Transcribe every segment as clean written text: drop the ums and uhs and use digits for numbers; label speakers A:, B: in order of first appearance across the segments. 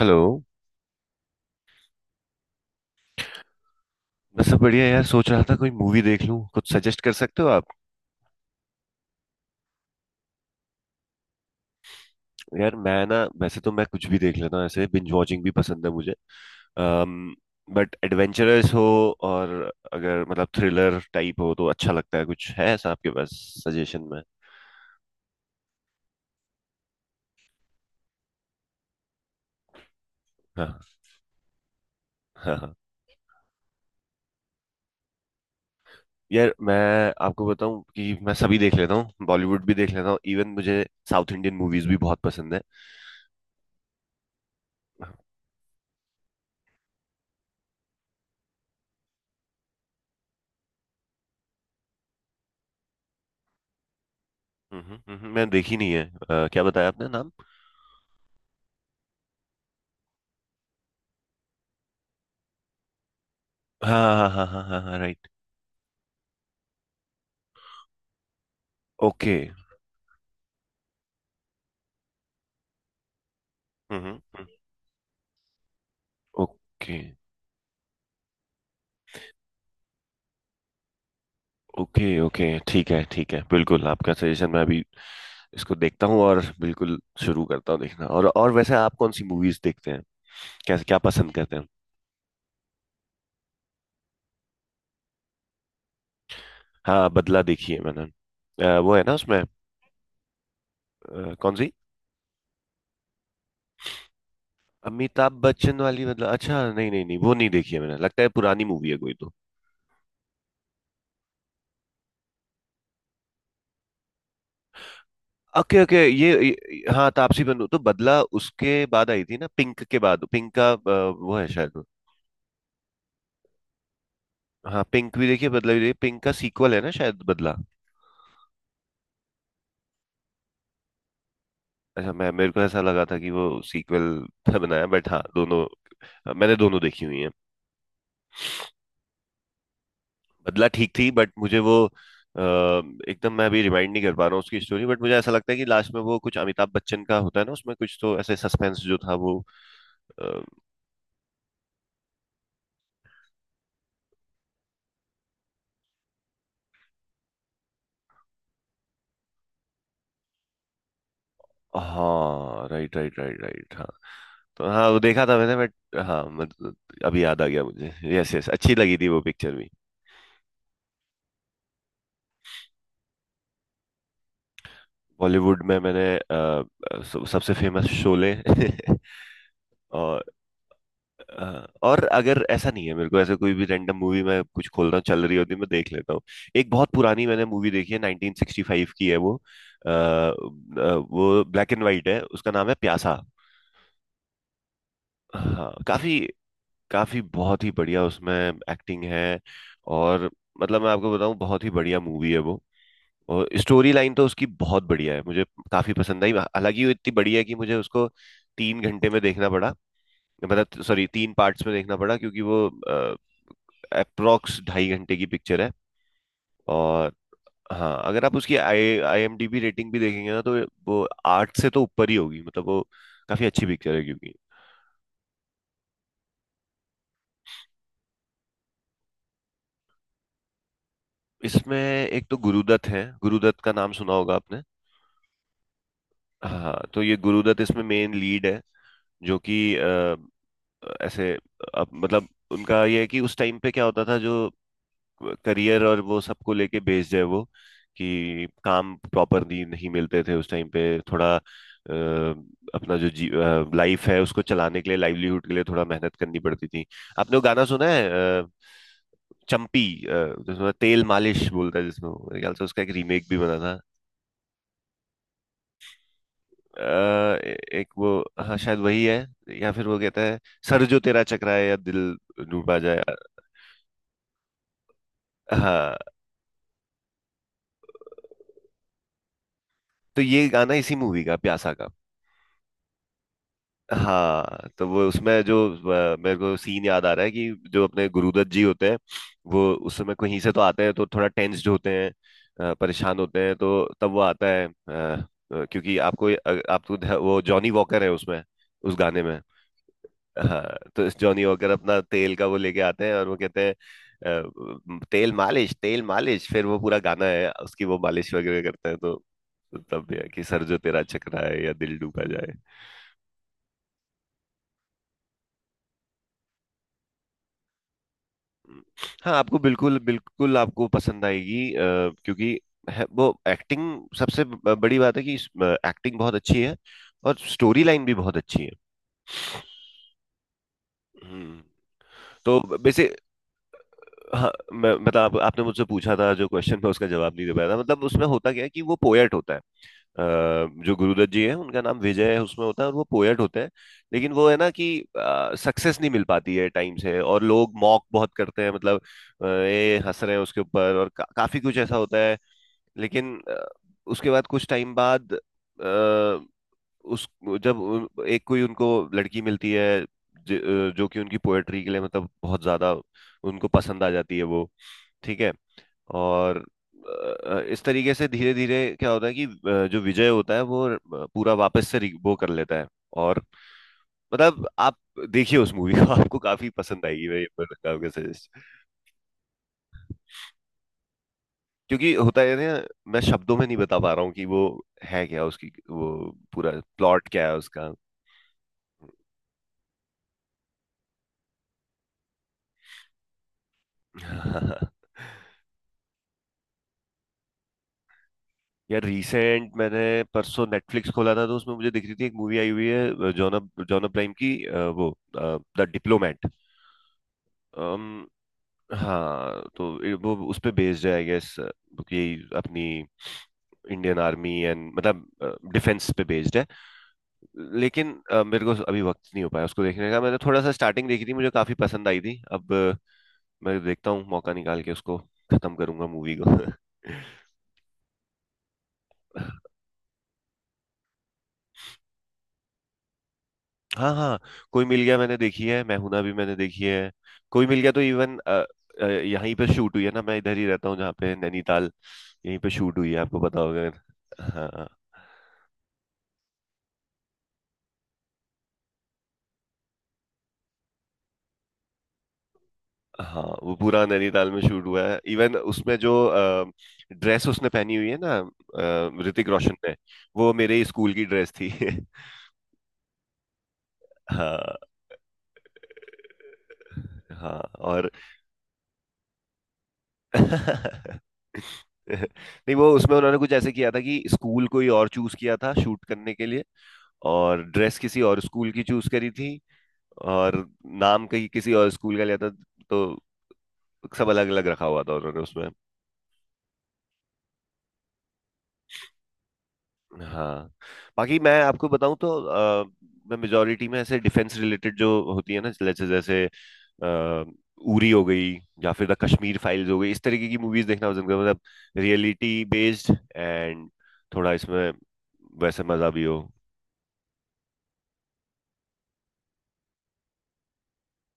A: Hello. बस सब बढ़िया यार, सोच रहा था कोई मूवी देख लूं, कुछ सजेस्ट कर सकते हो आप? यार मैं ना वैसे तो मैं कुछ भी देख लेता हूं, ऐसे बिंज वॉचिंग भी पसंद है मुझे। बट एडवेंचरस हो और अगर मतलब थ्रिलर टाइप हो तो अच्छा लगता है, कुछ है ऐसा आपके पास सजेशन में? हाँ हाँ हाँ। यार मैं आपको बताऊं कि मैं सभी देख लेता हूँ, बॉलीवुड भी देख लेता हूँ, इवन मुझे साउथ इंडियन मूवीज भी बहुत पसंद है। मैं देखी नहीं है। क्या बताया आपने नाम? हाँ हाँ हाँ हाँ हाँ हाँ, right. Okay. Hmm hmm, okay okay okay, ठीक है ठीक है, बिल्कुल आपका सजेशन मैं अभी इसको देखता हूँ और बिल्कुल शुरू करता हूँ देखना। और वैसे आप कौन सी मूवीज देखते हैं, कैसे क्या पसंद करते हैं? हाँ, बदला देखी है मैंने। वो है ना उसमें। कौन सी? अमिताभ बच्चन वाली बदला? अच्छा, नहीं नहीं नहीं, वो नहीं देखी है मैंने, लगता है पुरानी मूवी है कोई तो। ओके ओके, ये हाँ तापसी पन्नू तो बदला उसके बाद आई थी ना पिंक के बाद, पिंक का वो है शायद। हाँ, पिंक भी देखिए, बदला भी देखिए, पिंक का सीक्वल है ना शायद बदला। अच्छा, मैं मेरे को ऐसा लगा था कि वो सीक्वल था बनाया, बट हाँ दोनों मैंने दोनों देखी हुई हैं। बदला ठीक थी, बट मुझे वो एकदम मैं अभी रिमाइंड नहीं कर पा रहा हूँ उसकी स्टोरी, बट मुझे ऐसा लगता है कि लास्ट में वो कुछ अमिताभ बच्चन का होता है ना, उसमें कुछ तो ऐसे सस्पेंस जो था वो अ, हाँ राइट राइट राइट राइट हाँ, तो हाँ वो देखा था मैंने, बट हाँ मतलब अभी याद आ गया मुझे। यस यस, अच्छी लगी थी वो पिक्चर भी। बॉलीवुड में मैंने सबसे फेमस शोले और हाँ, और अगर ऐसा नहीं है मेरे को, ऐसे कोई भी रैंडम मूवी मैं कुछ खोल रहा हूँ चल रही होती है मैं देख लेता हूँ। एक बहुत पुरानी मैंने मूवी देखी है 1965 की है वो, वो ब्लैक एंड वाइट है, उसका नाम है प्यासा। हाँ काफी। काफी बहुत ही बढ़िया, उसमें एक्टिंग है। और मतलब मैं आपको बताऊं बहुत ही बढ़िया मूवी है वो। और स्टोरी लाइन तो उसकी बहुत बढ़िया है, मुझे काफी पसंद आई। हालांकि वो इतनी बढ़िया है कि मुझे उसको तीन घंटे में देखना पड़ा, मतलब सॉरी तीन पार्ट्स में देखना पड़ा क्योंकि वो अप्रोक्स ढाई घंटे की पिक्चर है। और हाँ, अगर आप उसकी आई आईएमडीबी रेटिंग भी देखेंगे ना, तो वो 8 से तो ऊपर ही होगी, मतलब वो काफी अच्छी पिक्चर है। क्योंकि इसमें एक तो गुरुदत्त है, गुरुदत्त का नाम सुना होगा आपने। हाँ तो ये गुरुदत्त इसमें मेन लीड है, जो कि ऐसे मतलब उनका ये है कि उस टाइम पे क्या होता था, जो करियर और वो सबको लेके बेस्ड है वो, कि काम प्रॉपरली नहीं मिलते थे उस टाइम पे, थोड़ा अपना जो जी लाइफ है उसको चलाने के लिए लाइवलीहुड के लिए थोड़ा मेहनत करनी पड़ती थी। आपने वो गाना सुना है चंपी जिसमें तेल मालिश बोलता है, जिसमें वो, मेरे ख्याल से उसका एक रीमेक भी बना था। अ, एक वो, हाँ शायद वही है। या फिर वो कहता है, सर जो तेरा चकराए या दिल डूबा जाए। हाँ तो ये गाना इसी मूवी का, प्यासा का। हाँ तो वो उसमें जो मेरे को सीन याद आ रहा है कि जो अपने गुरुदत्त जी होते हैं, वो उस समय कहीं से तो आते हैं तो थोड़ा टेंस्ड होते हैं, परेशान होते हैं, तो तब वो आता है क्योंकि आपको आपको वो जॉनी वॉकर है उसमें, उस गाने में। हाँ, तो इस जॉनी वॉकर अपना तेल का वो लेके आते हैं और वो कहते हैं तेल मालिश तेल मालिश, फिर वो पूरा गाना है, उसकी वो मालिश वगैरह करते हैं, तो तब ये है कि सर जो तेरा चकरा है या दिल डूबा जाए। हम्म, हाँ आपको बिल्कुल बिल्कुल आपको पसंद आएगी, क्योंकि है, वो एक्टिंग सबसे बड़ी बात है कि एक्टिंग बहुत अच्छी है और स्टोरी लाइन भी बहुत अच्छी है। हम्म। तो वैसे, हाँ मैं मतलब आप, आपने मुझसे पूछा था जो क्वेश्चन था उसका जवाब नहीं दे पाया था, मतलब उसमें होता क्या है कि वो पोएट होता है। अ, जो गुरुदत्त जी है उनका नाम विजय है उसमें होता है, और वो पोएट होते हैं। लेकिन वो है ना कि सक्सेस नहीं मिल पाती है टाइम से और लोग मॉक बहुत करते हैं, मतलब ये हंस रहे हैं उसके ऊपर और काफी कुछ ऐसा होता है। लेकिन उसके बाद कुछ टाइम बाद उस जब एक कोई उनको लड़की मिलती है, ज, जो कि उनकी पोएट्री के लिए मतलब बहुत ज्यादा उनको पसंद आ जाती है वो, ठीक है। और इस तरीके से धीरे धीरे क्या होता है कि जो विजय होता है वो पूरा वापस से वो कर लेता है। और मतलब आप देखिए उस मूवी को, आपको काफी पसंद आएगी, मैं ये बताऊंगा। क्योंकि होता है ना, मैं शब्दों में नहीं बता पा रहा हूँ कि वो है क्या, उसकी वो पूरा प्लॉट क्या है उसका। यार रिसेंट मैंने परसों नेटफ्लिक्स खोला था तो उसमें मुझे दिख रही थी एक मूवी आई हुई है, जॉन जॉन अब्राहम की, वो द डिप्लोमेट। अम, हाँ तो वो उस पे बेस्ड है आई गेस, कि अपनी इंडियन आर्मी एंड मतलब डिफेंस पे बेस्ड है। लेकिन मेरे को अभी वक्त नहीं हो पाया उसको देखने का, मैंने थोड़ा सा स्टार्टिंग देखी थी, मुझे काफी पसंद आई थी। अब मैं देखता हूँ मौका निकाल के, उसको खत्म करूंगा मूवी को। हाँ हाँ, कोई मिल गया मैंने देखी है, मैं हूं ना भी मैंने देखी है। कोई मिल गया तो इवन यहीं पे शूट हुई है ना, मैं इधर ही रहता हूँ जहाँ पे नैनीताल, यहीं पे शूट हुई है, आपको पता होगा। हाँ। हाँ वो पूरा नैनीताल में शूट हुआ है, इवन उसमें जो ड्रेस उसने पहनी हुई है ना ऋतिक रोशन ने, वो मेरे ही स्कूल की ड्रेस थी। हाँ हाँ और नहीं वो उसमें उन्होंने कुछ ऐसे किया था कि स्कूल कोई और चूज किया था शूट करने के लिए, और ड्रेस किसी और स्कूल की चूज करी थी, और नाम कहीं किसी और स्कूल का लिया था, तो सब अलग अलग रखा हुआ था उन्होंने उसमें। हाँ, बाकी मैं आपको बताऊं तो मैं मेजोरिटी में ऐसे डिफेंस रिलेटेड जो होती है ना, जैसे जैसे अ, उरी हो गई या फिर द कश्मीर फाइल्स हो गई, इस तरीके की मूवीज देखना पसंद करता हूँ। मतलब रियलिटी बेस्ड एंड थोड़ा इसमें वैसे मजा भी हो।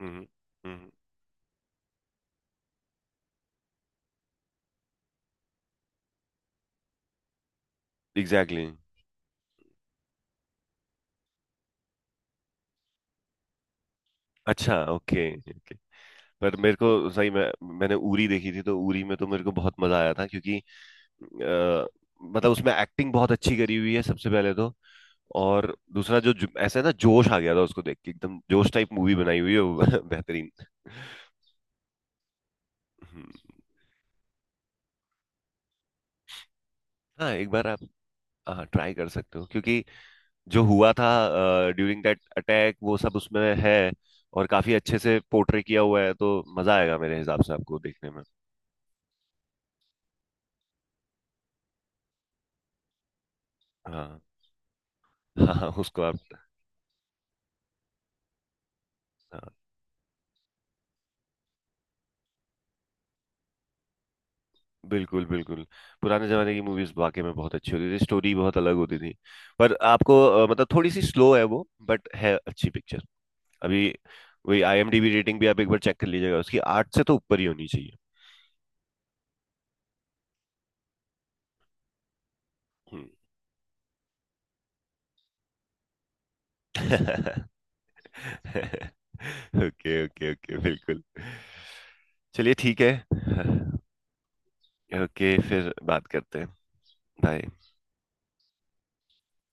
A: हम्म। हम्म। Exactly exactly. अच्छा ओके ओके, पर मेरे को सही में मैंने उरी देखी थी तो उरी में तो मेरे को बहुत मजा आया था क्योंकि अ, मतलब उसमें एक्टिंग बहुत अच्छी करी हुई है सबसे पहले तो, और दूसरा जो जो- ऐसा है ना जोश आ गया था उसको देख के, एकदम जोश टाइप मूवी बनाई हुई है वो। बेहतरीन। हम्म। हाँ एक बार आप, हाँ ट्राई कर सकते हो क्योंकि जो हुआ था ड्यूरिंग दैट अटैक वो सब उसमें है, और काफी अच्छे से पोर्ट्रे किया हुआ है, तो मजा आएगा मेरे हिसाब से आपको देखने में। हाँ हाँ, हाँ, उसको आप, हाँ, बिल्कुल बिल्कुल पुराने जमाने की मूवीज वाकई में बहुत अच्छी होती थी, स्टोरी बहुत अलग होती थी। पर आपको मतलब थोड़ी सी स्लो है वो, बट है अच्छी पिक्चर। अभी वही आईएमडीबी रेटिंग भी आप एक बार चेक कर लीजिएगा, उसकी 8 से तो ऊपर ही होनी चाहिए। हम्म। ओके ओके ओके, बिल्कुल चलिए ठीक है। ओके फिर बात करते हैं। बाय।